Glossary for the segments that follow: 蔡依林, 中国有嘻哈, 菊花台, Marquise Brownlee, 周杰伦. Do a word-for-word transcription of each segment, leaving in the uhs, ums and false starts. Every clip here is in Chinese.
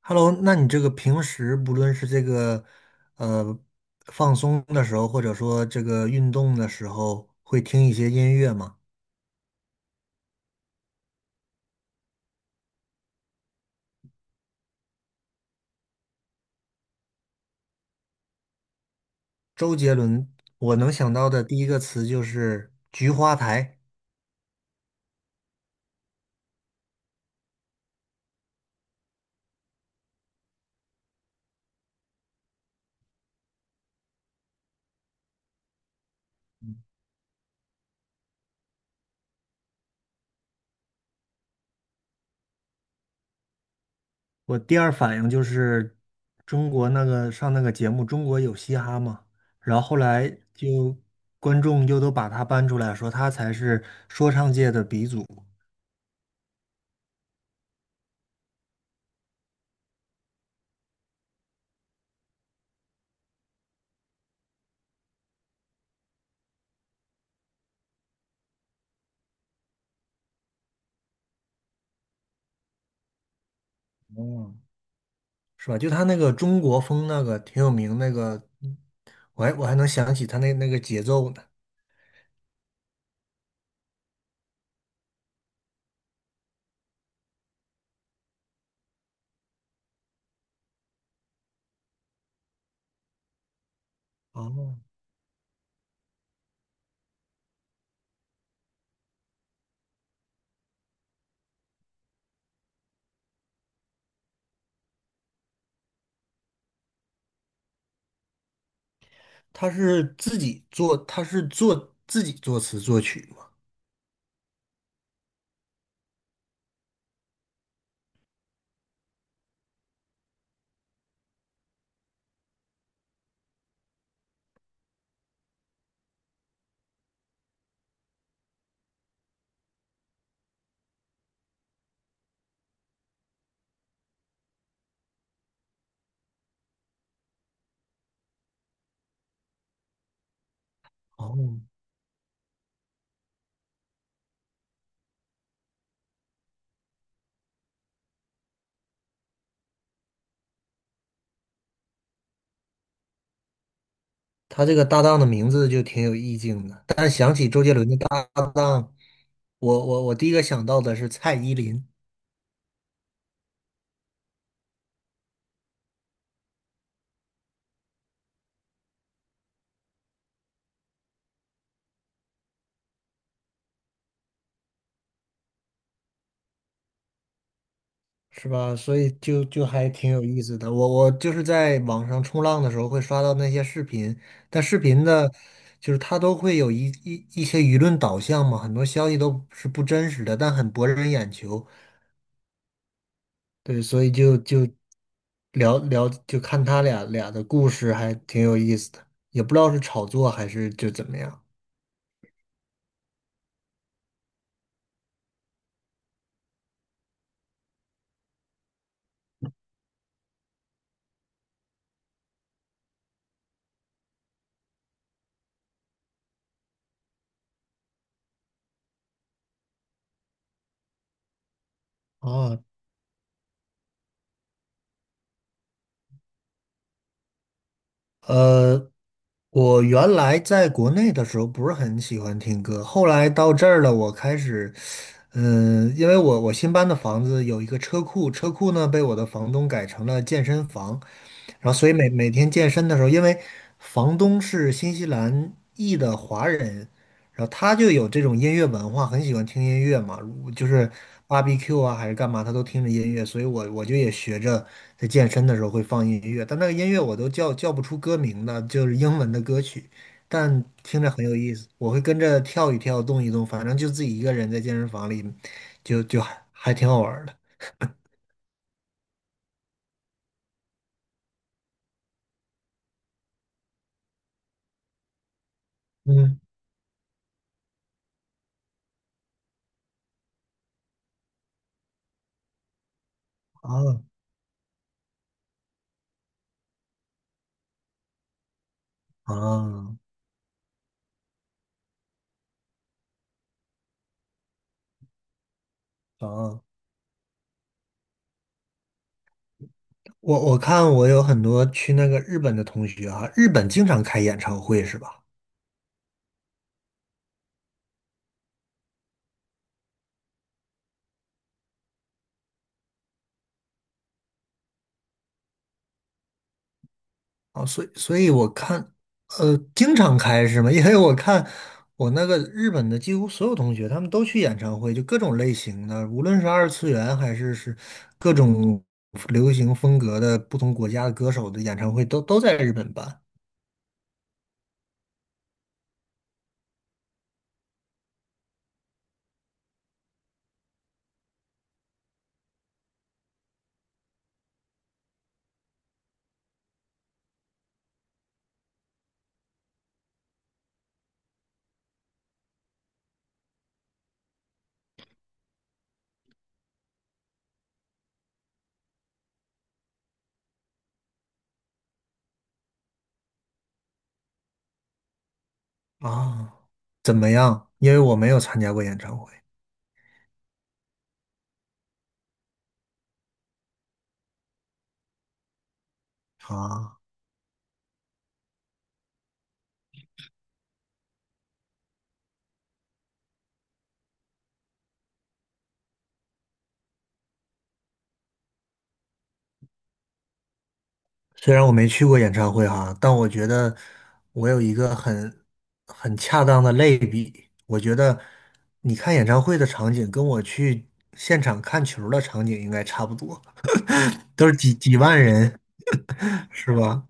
Hello，那你这个平时不论是这个呃放松的时候，或者说这个运动的时候，会听一些音乐吗？周杰伦，我能想到的第一个词就是《菊花台》，我第二反应就是中国那个上那个节目《中国有嘻哈》嘛，然后后来就观众又都把他搬出来说他才是说唱界的鼻祖。嗯。是吧？就他那个中国风那个挺有名那个，嗯我还我还能想起他那那个节奏呢。哦，他是自己做，他是做自己作词作曲嘛。哦，他这个搭档的名字就挺有意境的。但是想起周杰伦的搭档，我我我第一个想到的是蔡依林。是吧？所以就就还挺有意思的。我我就是在网上冲浪的时候会刷到那些视频，但视频的，就是它都会有一一一些舆论导向嘛，很多消息都是不真实的，但很博人眼球。对，所以就就聊聊，就看他俩俩的故事，还挺有意思的。也不知道是炒作还是就怎么样。啊？呃。我原来在国内的时候不是很喜欢听歌，后来到这儿了，我开始，嗯，因为我我新搬的房子有一个车库，车库呢被我的房东改成了健身房，然后所以每每天健身的时候，因为房东是新西兰裔的华人，然后他就有这种音乐文化，很喜欢听音乐嘛，就是 B B Q 啊还是干嘛，他都听着音乐，所以我我就也学着在健身的时候会放音乐，但那个音乐我都叫叫不出歌名的，就是英文的歌曲，但听着很有意思，我会跟着跳一跳，动一动，反正就自己一个人在健身房里，就就还还挺好玩儿的。嗯，啊啊啊！我我看我有很多去那个日本的同学啊，日本经常开演唱会是吧？哦，所以所以我看，呃，经常开是吗？因为我看我那个日本的几乎所有同学，他们都去演唱会，就各种类型的，无论是二次元还是是各种流行风格的不同国家的歌手的演唱会都，都在日本办啊。怎么样？因为我没有参加过演唱会啊。虽然我没去过演唱会哈，但我觉得我有一个很很恰当的类比。我觉得你看演唱会的场景跟我去现场看球儿的场景应该差不多，都是几几万人，是吧？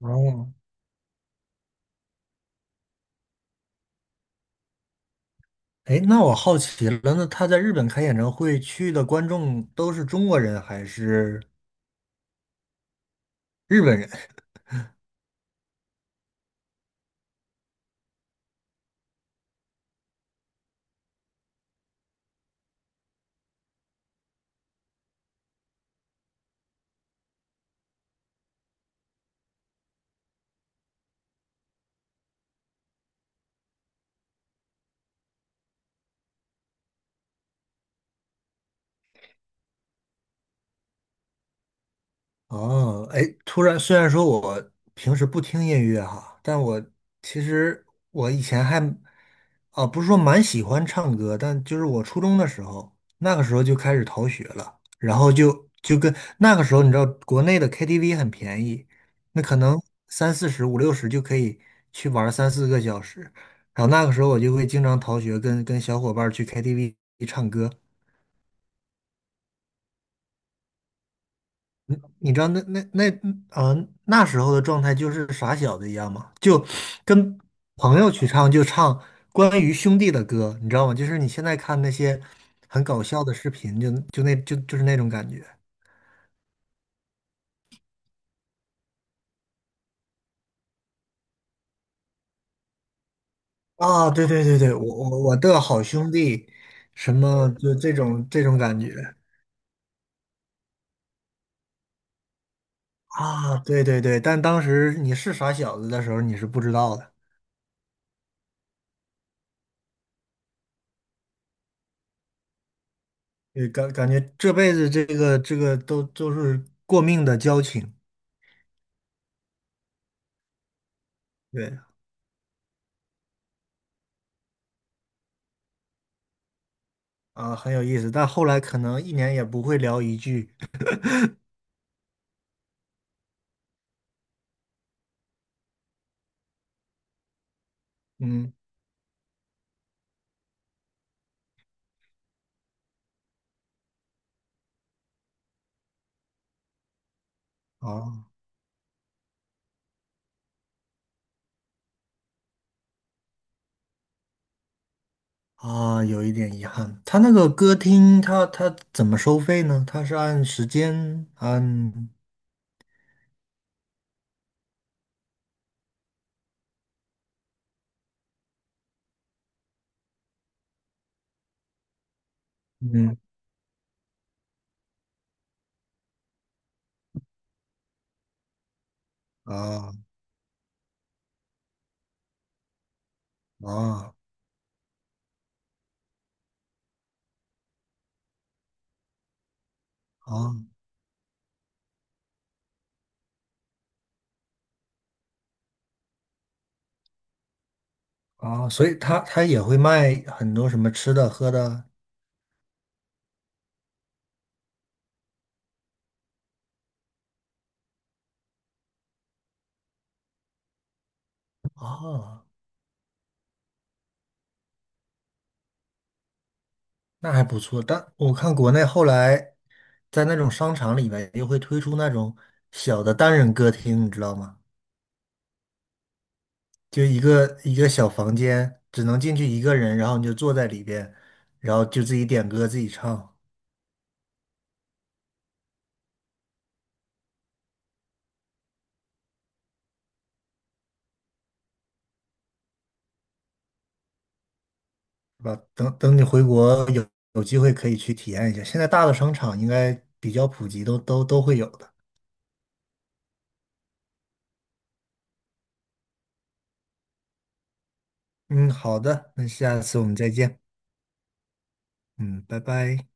哦，哎，那我好奇了，那他在日本开演唱会去的观众都是中国人还是？日本人？哦，哎，突然，虽然说我平时不听音乐哈，但我其实我以前还，啊，不是说蛮喜欢唱歌，但就是我初中的时候，那个时候就开始逃学了，然后就就跟那个时候，你知道国内的 K T V 很便宜，那可能三四十、五六十就可以去玩三四个小时，然后那个时候我就会经常逃学跟，跟小伙伴儿去 K T V 唱歌，你知道那那那啊、呃那时候的状态就是傻小子一样嘛，就跟朋友去唱就唱关于兄弟的歌，你知道吗？就是你现在看那些很搞笑的视频，就就那就就是那种感觉啊，对对对对，我我我的好兄弟，什么就这种这种感觉啊，对对对，但当时你是傻小子的时候，你是不知道的，对，感感觉这辈子这个这个都都是过命的交情，对。啊，很有意思，但后来可能一年也不会聊一句，嗯，哦，啊，有一点遗憾。他那个歌厅，他他怎么收费呢？他是按时间，按，嗯，啊啊啊啊，所以他他也会卖很多什么吃的喝的，哦，那还不错。但我看国内后来在那种商场里面又会推出那种小的单人歌厅，你知道吗？就一个一个小房间，只能进去一个人，然后你就坐在里边，然后就自己点歌自己唱，是吧？等等你回国有有机会可以去体验一下。现在大的商场应该比较普及，都都都会有的。嗯，好的，那下次我们再见。嗯，拜拜。